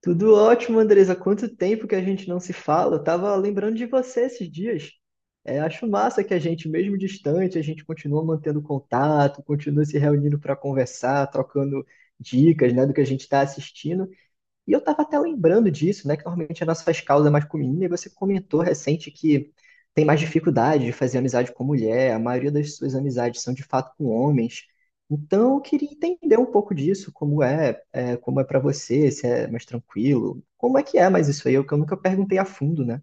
Tudo ótimo, Andresa. Quanto tempo que a gente não se fala? Eu tava lembrando de você esses dias. É, acho massa que a gente, mesmo distante, a gente continua mantendo contato, continua se reunindo para conversar, trocando dicas, né, do que a gente está assistindo. E eu estava até lembrando disso, né? Que normalmente as nossas causas é mais com menina, e você comentou recente que tem mais dificuldade de fazer amizade com mulher, a maioria das suas amizades são de fato com homens. Então, eu queria entender um pouco disso, como como é para você, se é mais tranquilo, como é que é mais isso aí, eu que eu nunca perguntei a fundo, né?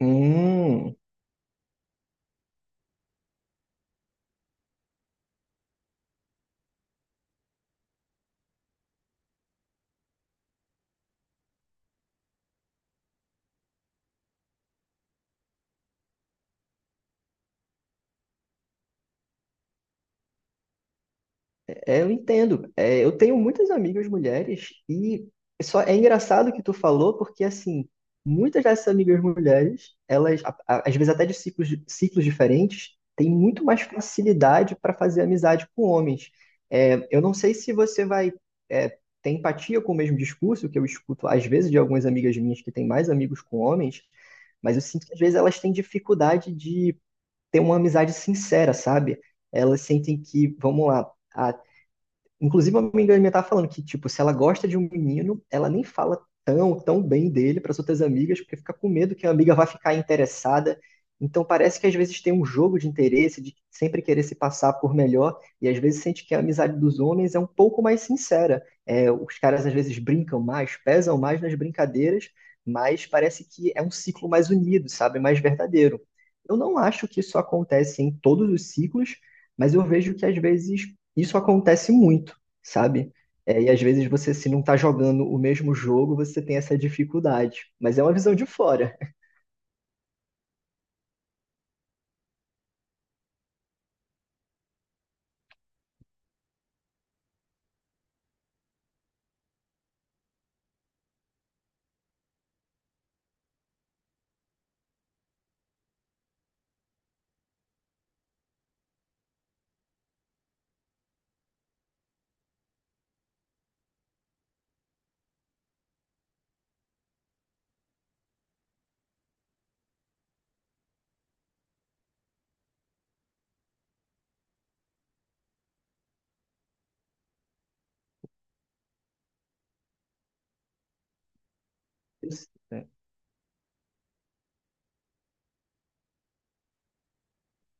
Hum. É, eu entendo. É, eu tenho muitas amigas mulheres e só é engraçado que tu falou, porque assim, muitas dessas amigas mulheres, elas, às vezes até de ciclos, ciclos diferentes, têm muito mais facilidade para fazer amizade com homens. É, eu não sei se você vai ter empatia com o mesmo discurso que eu escuto às vezes de algumas amigas minhas que têm mais amigos com homens, mas eu sinto que às vezes elas têm dificuldade de ter uma amizade sincera, sabe? Elas sentem que, vamos lá, a inclusive, uma amiga minha tava falando que, tipo, se ela gosta de um menino, ela nem fala tão bem dele para as outras amigas, porque fica com medo que a amiga vai ficar interessada. Então, parece que às vezes tem um jogo de interesse, de sempre querer se passar por melhor, e às vezes sente que a amizade dos homens é um pouco mais sincera. É, os caras às vezes brincam mais, pesam mais nas brincadeiras, mas parece que é um ciclo mais unido, sabe? Mais verdadeiro. Eu não acho que isso acontece em todos os ciclos, mas eu vejo que às vezes isso acontece muito, sabe? É, e às vezes você, se não está jogando o mesmo jogo, você tem essa dificuldade. Mas é uma visão de fora.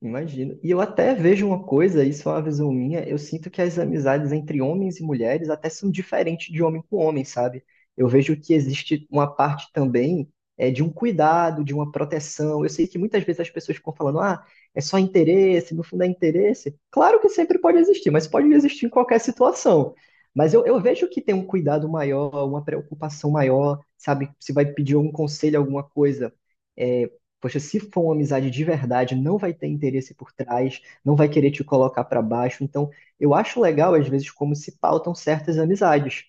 Imagino. E eu até vejo uma coisa, isso é uma visão minha, eu sinto que as amizades entre homens e mulheres até são diferentes de homem com homem, sabe? Eu vejo que existe uma parte também de um cuidado, de uma proteção. Eu sei que muitas vezes as pessoas ficam falando, ah, é só interesse, no fundo é interesse. Claro que sempre pode existir, mas pode existir em qualquer situação. Mas eu vejo que tem um cuidado maior, uma preocupação maior, sabe? Se vai pedir algum conselho, alguma coisa é, poxa, se for uma amizade de verdade, não vai ter interesse por trás, não vai querer te colocar pra baixo. Então, eu acho legal, às vezes, como se pautam certas amizades.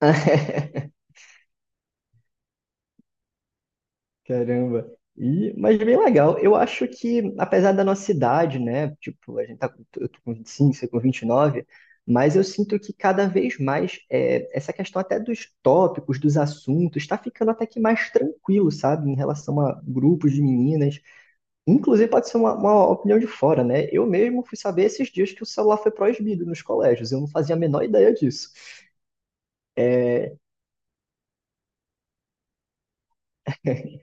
Caramba. E, mas bem legal. Eu acho que, apesar da nossa idade, né? Tipo, a gente tá, eu tô com 25, você com 29, mas eu sinto que cada vez mais essa questão até dos tópicos, dos assuntos, tá ficando até que mais tranquilo, sabe? Em relação a grupos de meninas. Inclusive, pode ser uma opinião de fora, né? Eu mesmo fui saber esses dias que o celular foi proibido nos colégios. Eu não fazia a menor ideia disso.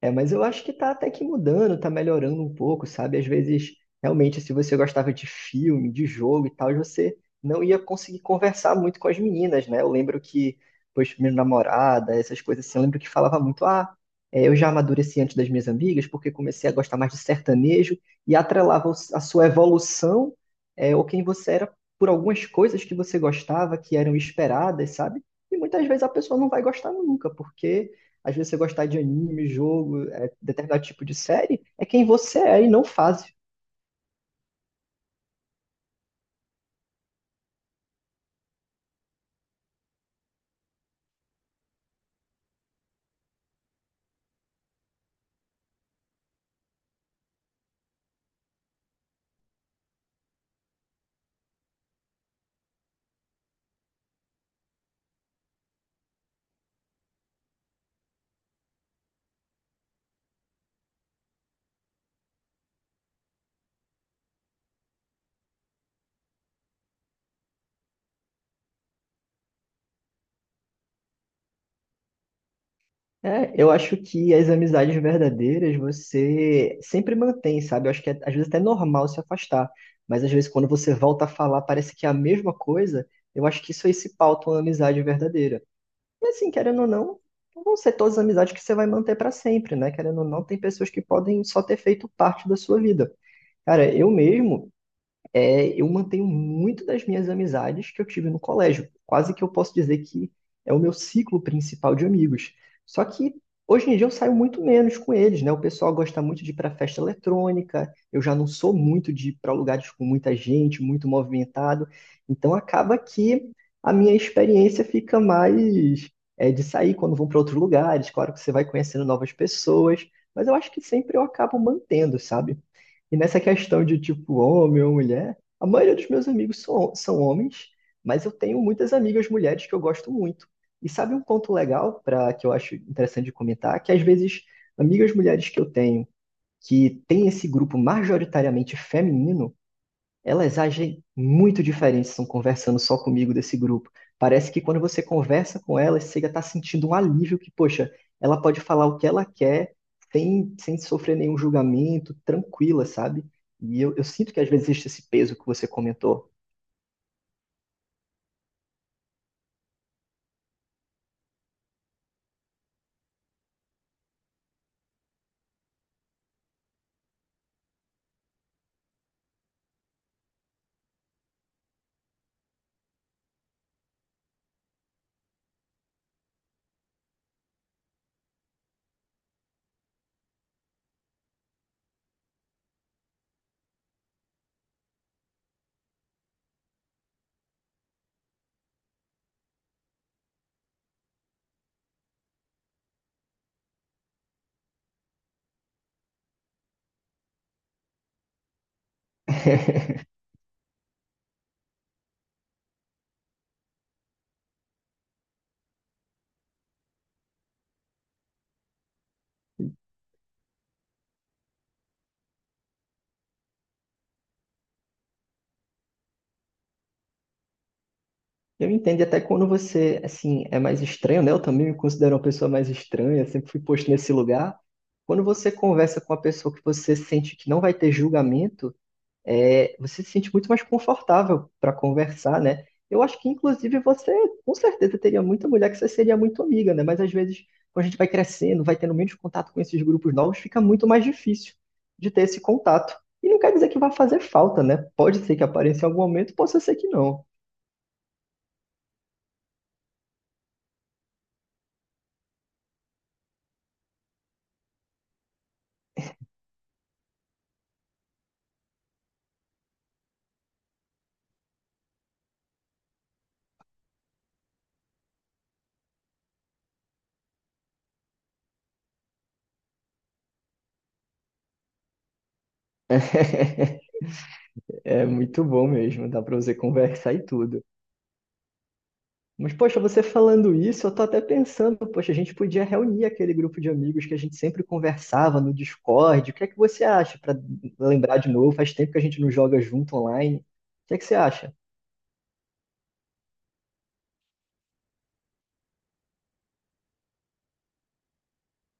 É, mas eu acho que tá até que mudando, tá melhorando um pouco, sabe? Às vezes, realmente, se você gostava de filme, de jogo e tal, você não ia conseguir conversar muito com as meninas, né? Eu lembro que, pois, minha namorada, essas coisas assim, eu lembro que falava muito, ah, é, eu já amadureci antes das minhas amigas, porque comecei a gostar mais de sertanejo, e atrelava a sua evolução, ou quem você era, por algumas coisas que você gostava, que eram esperadas, sabe? E muitas vezes a pessoa não vai gostar nunca, porque às vezes você gostar de anime, jogo, determinado tipo de série, é quem você é e não faz. É, eu acho que as amizades verdadeiras você sempre mantém, sabe? Eu acho que às vezes até é normal se afastar, mas às vezes quando você volta a falar parece que é a mesma coisa, eu acho que isso aí se pauta uma amizade verdadeira. E assim, querendo ou não, não vão ser todas as amizades que você vai manter para sempre, né? Querendo ou não, tem pessoas que podem só ter feito parte da sua vida. Cara, eu mesmo, eu mantenho muito das minhas amizades que eu tive no colégio. Quase que eu posso dizer que é o meu ciclo principal de amigos. Só que hoje em dia eu saio muito menos com eles, né? O pessoal gosta muito de ir para festa eletrônica, eu já não sou muito de ir para lugares com muita gente, muito movimentado. Então acaba que a minha experiência fica mais de sair quando vão para outros lugares. Claro que você vai conhecendo novas pessoas, mas eu acho que sempre eu acabo mantendo, sabe? E nessa questão de tipo homem ou mulher, a maioria dos meus amigos são homens, mas eu tenho muitas amigas mulheres que eu gosto muito. E sabe um ponto legal para que eu acho interessante de comentar? Que às vezes amigas mulheres que eu tenho que tem esse grupo majoritariamente feminino elas agem muito diferentes, estão conversando só comigo desse grupo. Parece que quando você conversa com elas, você já está sentindo um alívio que, poxa, ela pode falar o que ela quer sem sofrer nenhum julgamento, tranquila, sabe? E eu sinto que às vezes existe esse peso que você comentou. Eu entendo, e até quando você, assim, é mais estranho, né? Eu também me considero uma pessoa mais estranha, sempre fui posto nesse lugar. Quando você conversa com uma pessoa que você sente que não vai ter julgamento, você se sente muito mais confortável para conversar, né? Eu acho que, inclusive, você com certeza teria muita mulher que você seria muito amiga, né? Mas às vezes, quando a gente vai crescendo, vai tendo menos contato com esses grupos novos, fica muito mais difícil de ter esse contato. E não quer dizer que vai fazer falta, né? Pode ser que apareça em algum momento, pode ser que não. É muito bom mesmo, dá para você conversar e tudo. Mas, poxa, você falando isso, eu tô até pensando, poxa, a gente podia reunir aquele grupo de amigos que a gente sempre conversava no Discord. O que é que você acha para lembrar de novo? Faz tempo que a gente não joga junto online. O que é que você acha?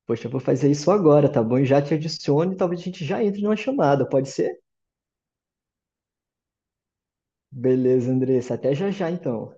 Poxa, eu vou fazer isso agora, tá bom? E já te adiciono e talvez a gente já entre numa chamada, pode ser? Beleza, Andressa, até já já então.